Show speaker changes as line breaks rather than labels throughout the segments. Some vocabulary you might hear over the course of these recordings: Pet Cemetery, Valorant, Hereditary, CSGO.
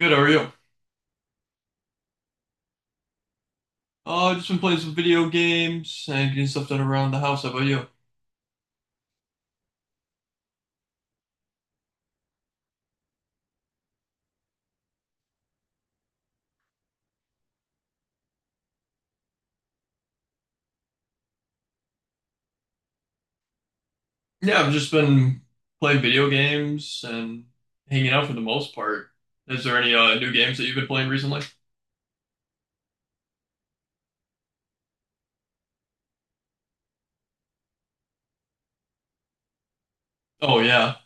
Good, how are you? Just been playing some video games and getting stuff done around the house. How about you? Yeah, I've just been playing video games and hanging out for the most part. Is there any new games that you've been playing recently? Oh yeah.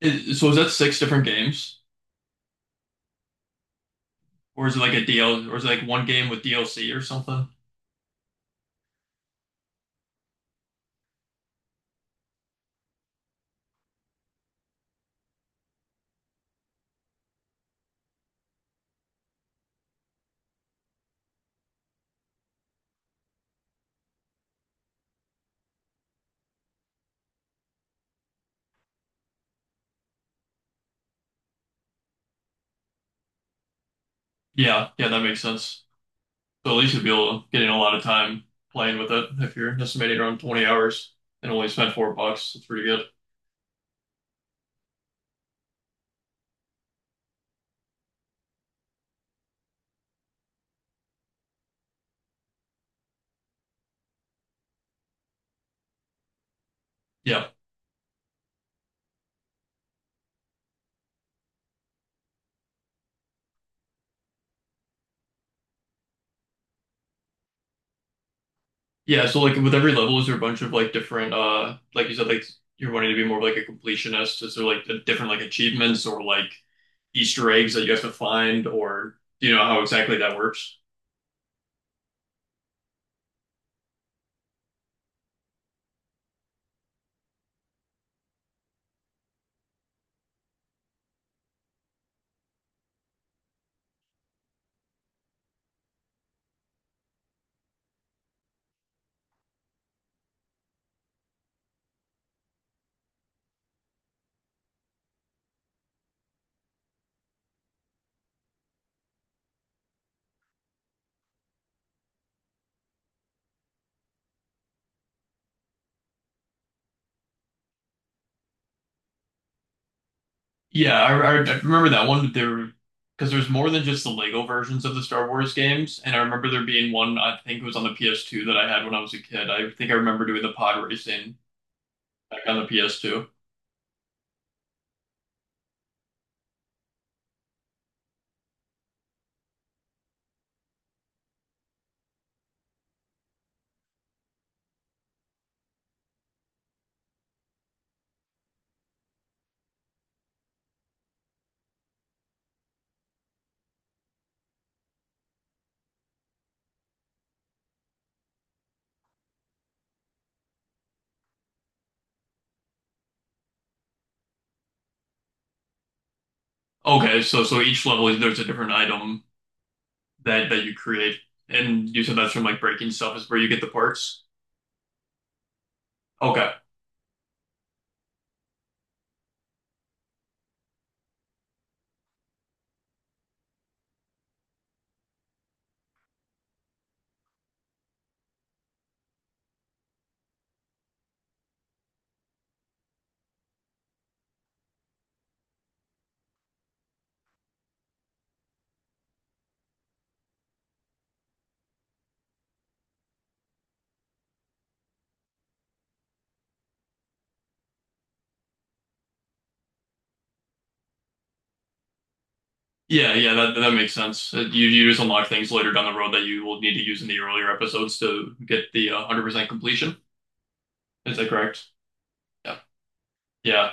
So is that six different games, or is it like a DL, or is it like one game with DLC or something? Yeah, yeah, that makes sense. So at least you'll be able to a lot of time playing with it if you're estimating around 20 hours and only spent $4. It's pretty good. Yeah. Yeah, so like with every level, is there a bunch of like different like you said, like you're wanting to be more of like a completionist. Is there like the different like achievements or like Easter eggs that you have to find, or do you know how exactly that works? Yeah, I remember that one. There because there's more than just the Lego versions of the Star Wars games, and I remember there being one, I think it was on the PS2 that I had when I was a kid. I think I remember doing the pod racing back on the PS2. Okay, so so each level is there's a different item that that you create. And you said that's from like breaking stuff is where you get the parts. Okay. Yeah, yeah, that that makes sense. You you just unlock things later down the road that you will need to use in the earlier episodes to get the 100% completion. Is that correct? Yeah. Yeah.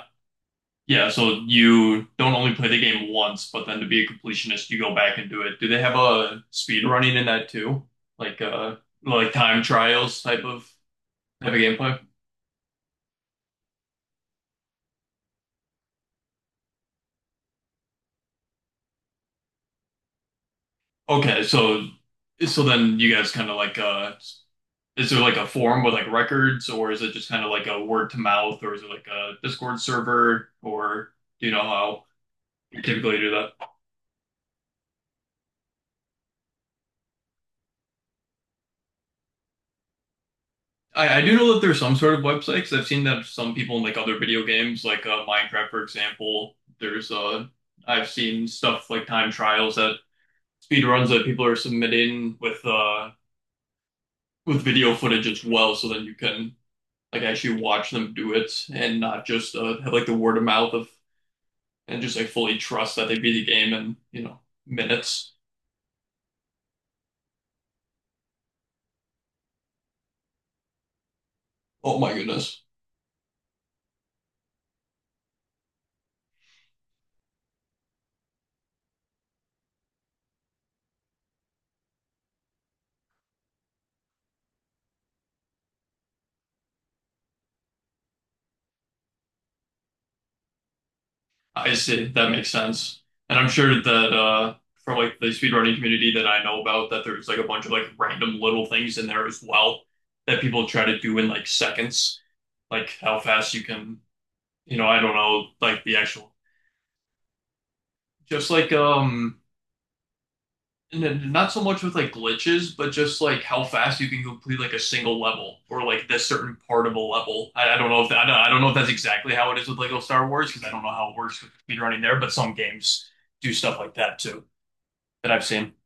Yeah, so you don't only play the game once, but then to be a completionist, you go back and do it. Do they have a speed running in that too? Like like time trials type of gameplay? Okay, so so then you guys kind of like is there like a forum with like records, or is it just kind of like a word to mouth, or is it like a Discord server, or do you know how you typically do that? I do know that there's some sort of website because I've seen that some people in like other video games, like Minecraft, for example. There's I've seen stuff like time trials that speed runs that people are submitting with video footage as well, so then you can like actually watch them do it and not just have like the word of mouth of and just like fully trust that they beat the game in, you know, minutes. Oh my goodness. I see. That makes sense. And I'm sure that from like the speedrunning community that I know about that there's like a bunch of like random little things in there as well that people try to do in like seconds. Like how fast you can, you know, I don't know, like the actual just like and not so much with like glitches, but just like how fast you can complete like a single level or like this certain part of a level. I don't know if that, I don't know if that's exactly how it is with Lego Star Wars because I don't know how it works with speed running there, but some games do stuff like that too that I've seen.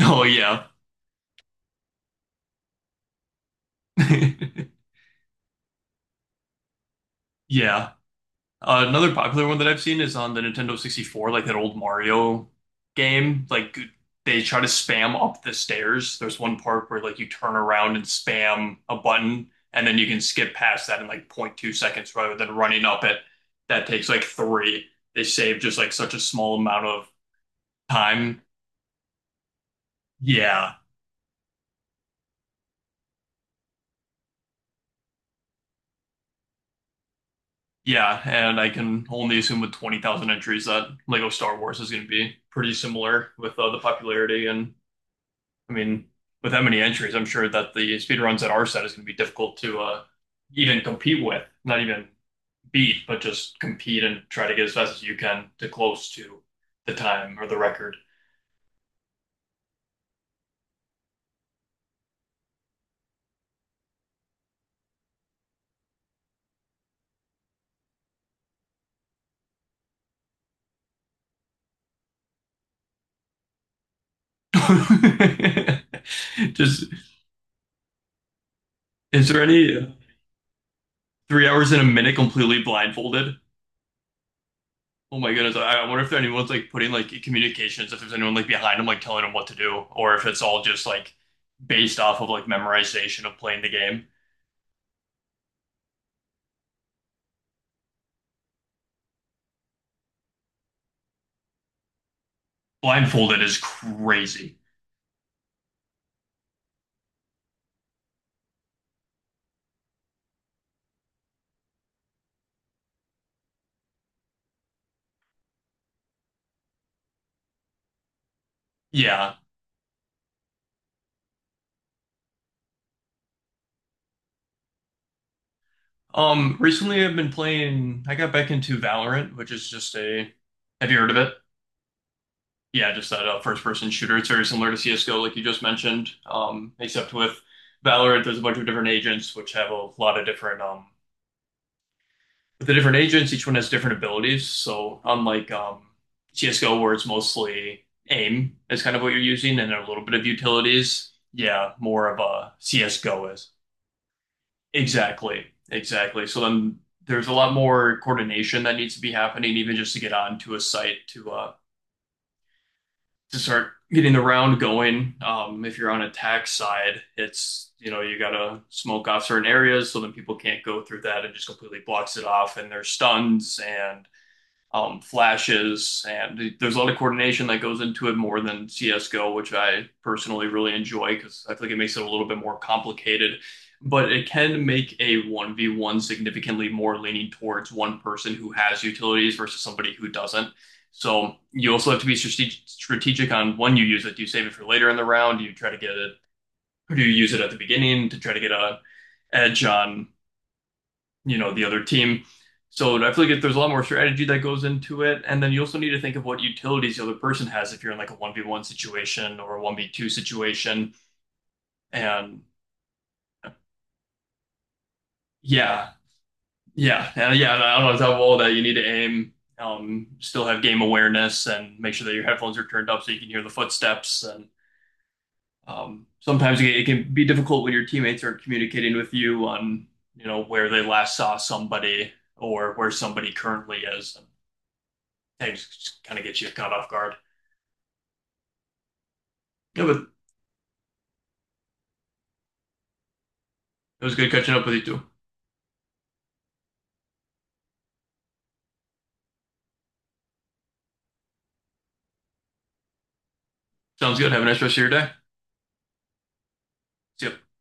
Oh yeah, yeah. Another popular one that I've seen is on the Nintendo 64, like that old Mario game. Like they try to spam up the stairs. There's one part where like you turn around and spam a button, and then you can skip past that in like point 2 seconds rather than running up it. That takes like three. They save just like such a small amount of time. Yeah, yeah, and I can only assume with 20,000 entries that Lego Star Wars is going to be pretty similar with the popularity and I mean, with that many entries, I'm sure that the speed runs at our set is going to be difficult to even compete with, not even beat, but just compete and try to get as fast as you can to close to the time or the record. Just, is there any 3 hours in a minute completely blindfolded? Oh my goodness, I wonder if there anyone's like putting like communications, if there's anyone like behind them like telling them what to do, or if it's all just like based off of like memorization of playing the game. Blindfolded is crazy. Yeah. Recently I've been playing, I got back into Valorant, which is just a, have you heard of it? Yeah, just that first person shooter. It's very similar to CSGO, like you just mentioned. Except with Valorant, there's a bunch of different agents which have a lot of different, with the different agents, each one has different abilities. So unlike, CSGO where it's mostly aim is kind of what you're using and a little bit of utilities, yeah, more of a CSGO is. Exactly. Exactly. So then there's a lot more coordination that needs to be happening, even just to get onto a site to start getting the round going. If you're on a tax side, it's you know you gotta smoke off certain areas so then people can't go through that, and just completely blocks it off, and they're stuns and flashes, and there's a lot of coordination that goes into it more than CS:GO, which I personally really enjoy because I feel like it makes it a little bit more complicated. But it can make a 1v1 significantly more leaning towards one person who has utilities versus somebody who doesn't. So you also have to be strategic on when you use it. Do you save it for later in the round? Do you try to get it, or do you use it at the beginning to try to get a edge on, you know, the other team. So I feel like there's a lot more strategy that goes into it. And then you also need to think of what utilities the other person has if you're in like a 1v1 situation or a 1v2 situation. And yeah, yeah. And yeah, and I don't know, on top of all that, you need to aim, still have game awareness and make sure that your headphones are turned up so you can hear the footsteps. And sometimes it can be difficult when your teammates aren't communicating with you on, you know, where they last saw somebody or where somebody currently is. I just kind of get you caught off guard. Yeah, but it was good catching up with you too. Sounds good. Have a nice rest of your day. See ya.